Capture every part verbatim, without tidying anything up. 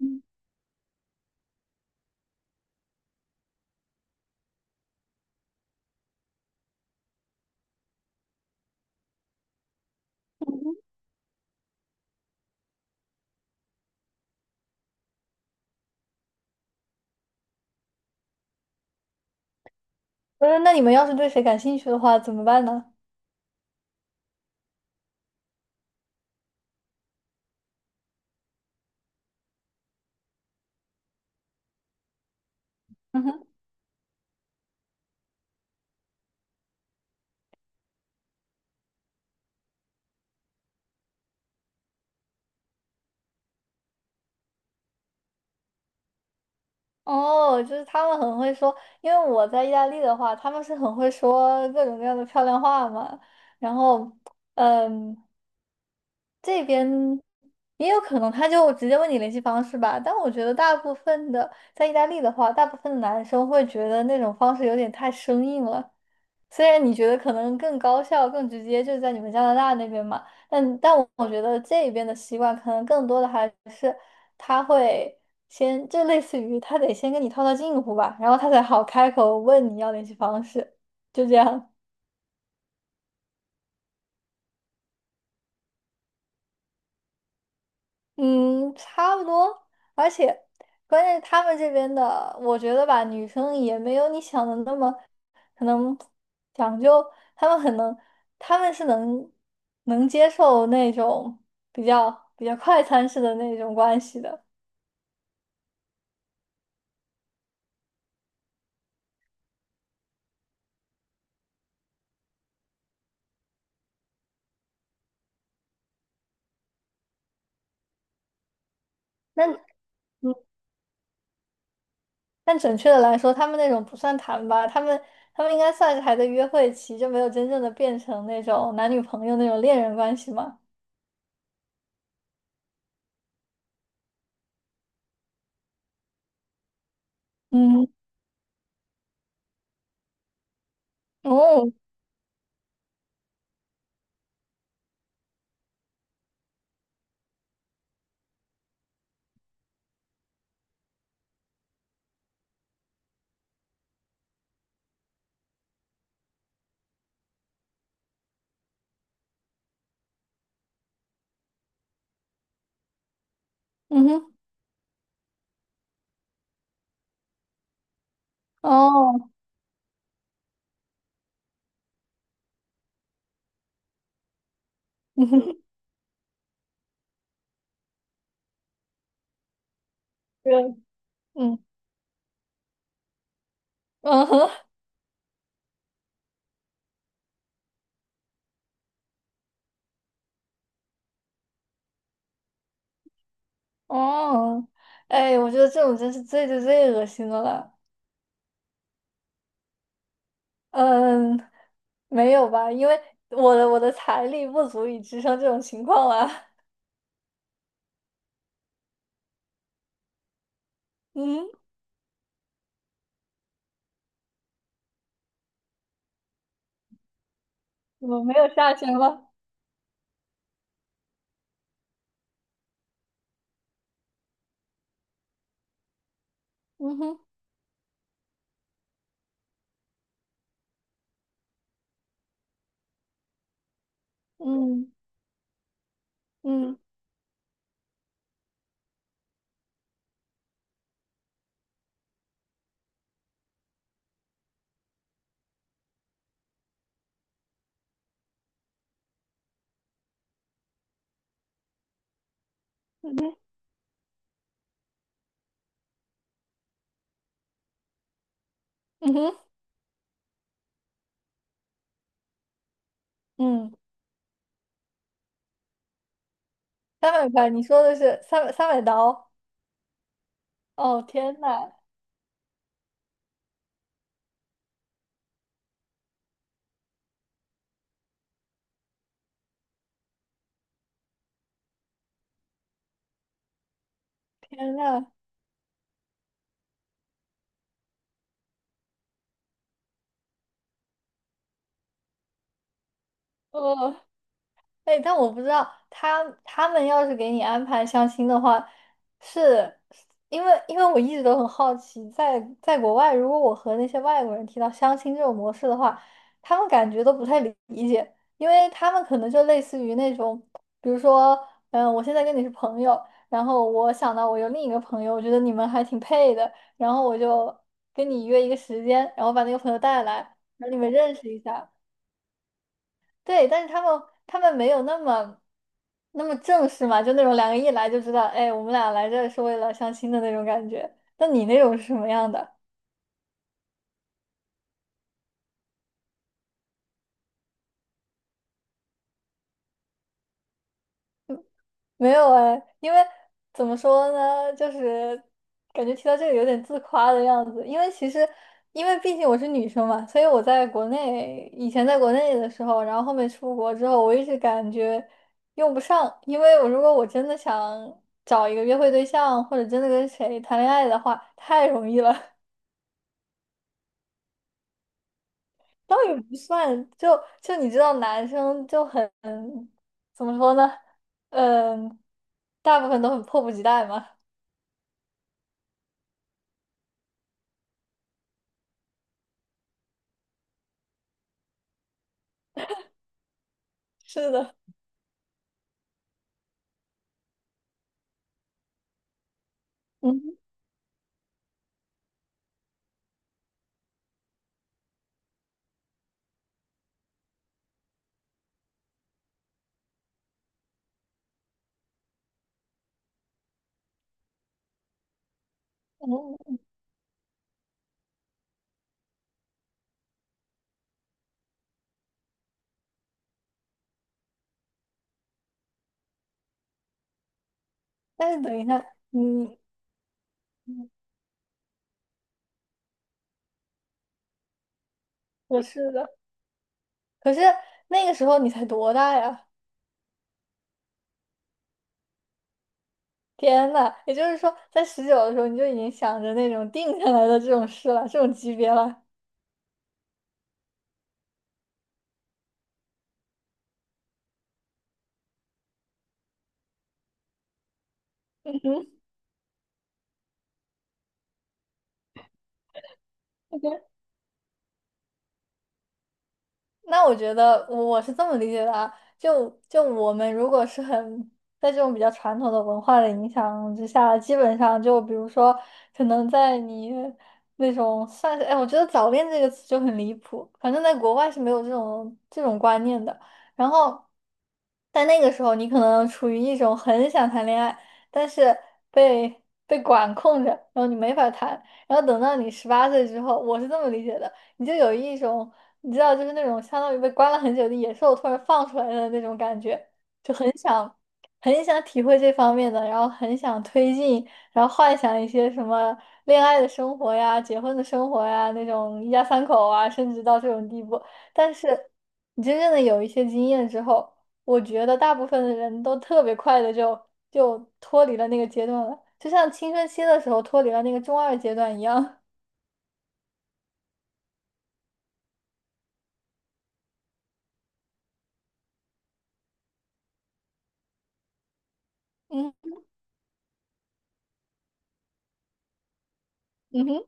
嗯哼。不是。那你们要是对谁感兴趣的话，怎么办呢？嗯哼。哦，就是他们很会说，因为我在意大利的话，他们是很会说各种各样的漂亮话嘛。然后，嗯，这边也有可能，他就直接问你联系方式吧。但我觉得大部分的在意大利的话，大部分的男生会觉得那种方式有点太生硬了。虽然你觉得可能更高效、更直接，就是在你们加拿大那边嘛，但但我我觉得这边的习惯可能更多的还是他会先，就类似于他得先跟你套套近乎吧，然后他才好开口问你要联系方式，就这样。嗯，差不多。而且，关键是他们这边的，我觉得吧，女生也没有你想的那么可能讲究。他们很能，他们是能能接受那种比较比较快餐式的那种关系的。那。嗯，但准确的来说，他们那种不算谈吧，他们他们应该算是还在约会期，就没有真正的变成那种男女朋友那种恋人关系嘛。嗯。哦。嗯哼。哦。嗯哼。对。嗯。嗯哼。哦。哎，我觉得这种真是最最最恶心的了。嗯，没有吧？因为我的我的财力不足以支撑这种情况啊。嗯，我没有下限了。嗯哼。嗯。嗯。嗯哼。嗯哼。嗯，三百块，你说的是三百三百刀？哦，天呐。天呐。哦。哎，但我不知道他他们要是给你安排相亲的话，是因为因为我一直都很好奇，在在国外，如果我和那些外国人提到相亲这种模式的话，他们感觉都不太理解，因为他们可能就类似于那种，比如说，嗯，我现在跟你是朋友，然后我想到我有另一个朋友，我觉得你们还挺配的，然后我就跟你约一个时间，然后把那个朋友带来，然后你们认识一下。对，但是他们他们没有那么。那么正式嘛，就那种两个一来就知道，哎，我们俩来这是为了相亲的那种感觉。那你那种是什么样的？没有哎，因为怎么说呢，就是感觉提到这个有点自夸的样子。因为其实，因为毕竟我是女生嘛，所以我在国内以前在国内的时候，然后后面出国之后，我一直感觉用不上。因为我如果我真的想找一个约会对象，或者真的跟谁谈恋爱的话，太容易了。倒也不算，就就你知道，男生就很怎么说呢？嗯，大部分都很迫不及待嘛。是的。嗯。嗯。但是等一下，嗯，我是的。可是那个时候你才多大呀？天呐，也就是说，在十九的时候你就已经想着那种定下来的这种事了，这种级别了。嗯那我觉得我是这么理解的啊，就就我们如果是很在这种比较传统的文化的影响之下，基本上就比如说，可能在你那种算是，哎，我觉得早恋这个词就很离谱，反正在国外是没有这种这种观念的。然后在那个时候，你可能处于一种很想谈恋爱，但是被被管控着，然后你没法谈。然后等到你十八岁之后，我是这么理解的。你就有一种你知道，就是那种相当于被关了很久的野兽突然放出来的那种感觉，就很想很想体会这方面的，然后很想推进，然后幻想一些什么恋爱的生活呀、结婚的生活呀那种一家三口啊，甚至到这种地步。但是你真正的有一些经验之后，我觉得大部分的人都特别快的就就脱离了那个阶段了，就像青春期的时候脱离了那个中二阶段一样。嗯。嗯哼。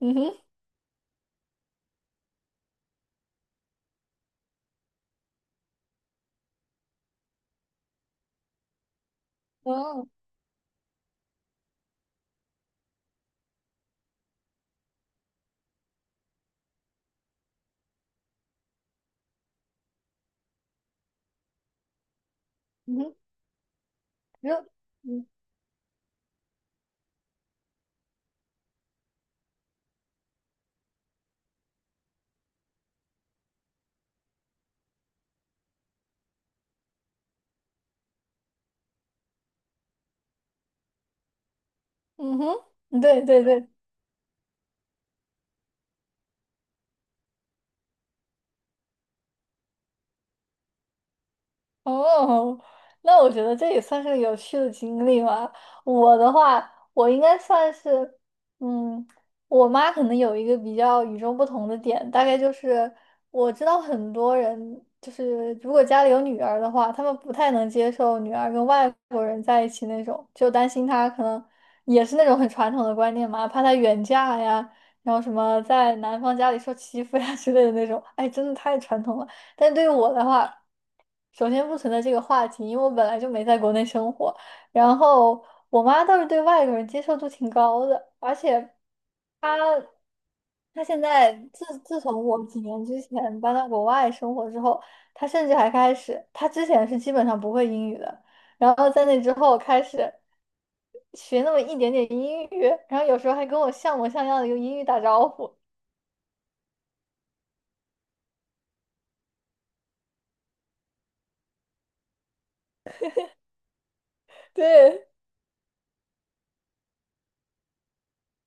嗯哼。嗯。嗯哼，你说。嗯。嗯哼，对对对。哦，那我觉得这也算是个有趣的经历吧。我的话，我应该算是，嗯，我妈可能有一个比较与众不同的点，大概就是我知道很多人，就是如果家里有女儿的话，他们不太能接受女儿跟外国人在一起那种，就担心她可能也是那种很传统的观念嘛，怕她远嫁呀，然后什么在男方家里受欺负呀之类的那种。哎，真的太传统了。但对于我的话，首先不存在这个话题，因为我本来就没在国内生活。然后我妈倒是对外国人接受度挺高的，而且她她现在自自从我几年之前搬到国外生活之后，她甚至还开始，她之前是基本上不会英语的，然后在那之后开始学那么一点点英语，然后有时候还跟我像模像样的用英语打招呼。对，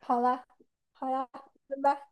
好啦，好呀，拜拜。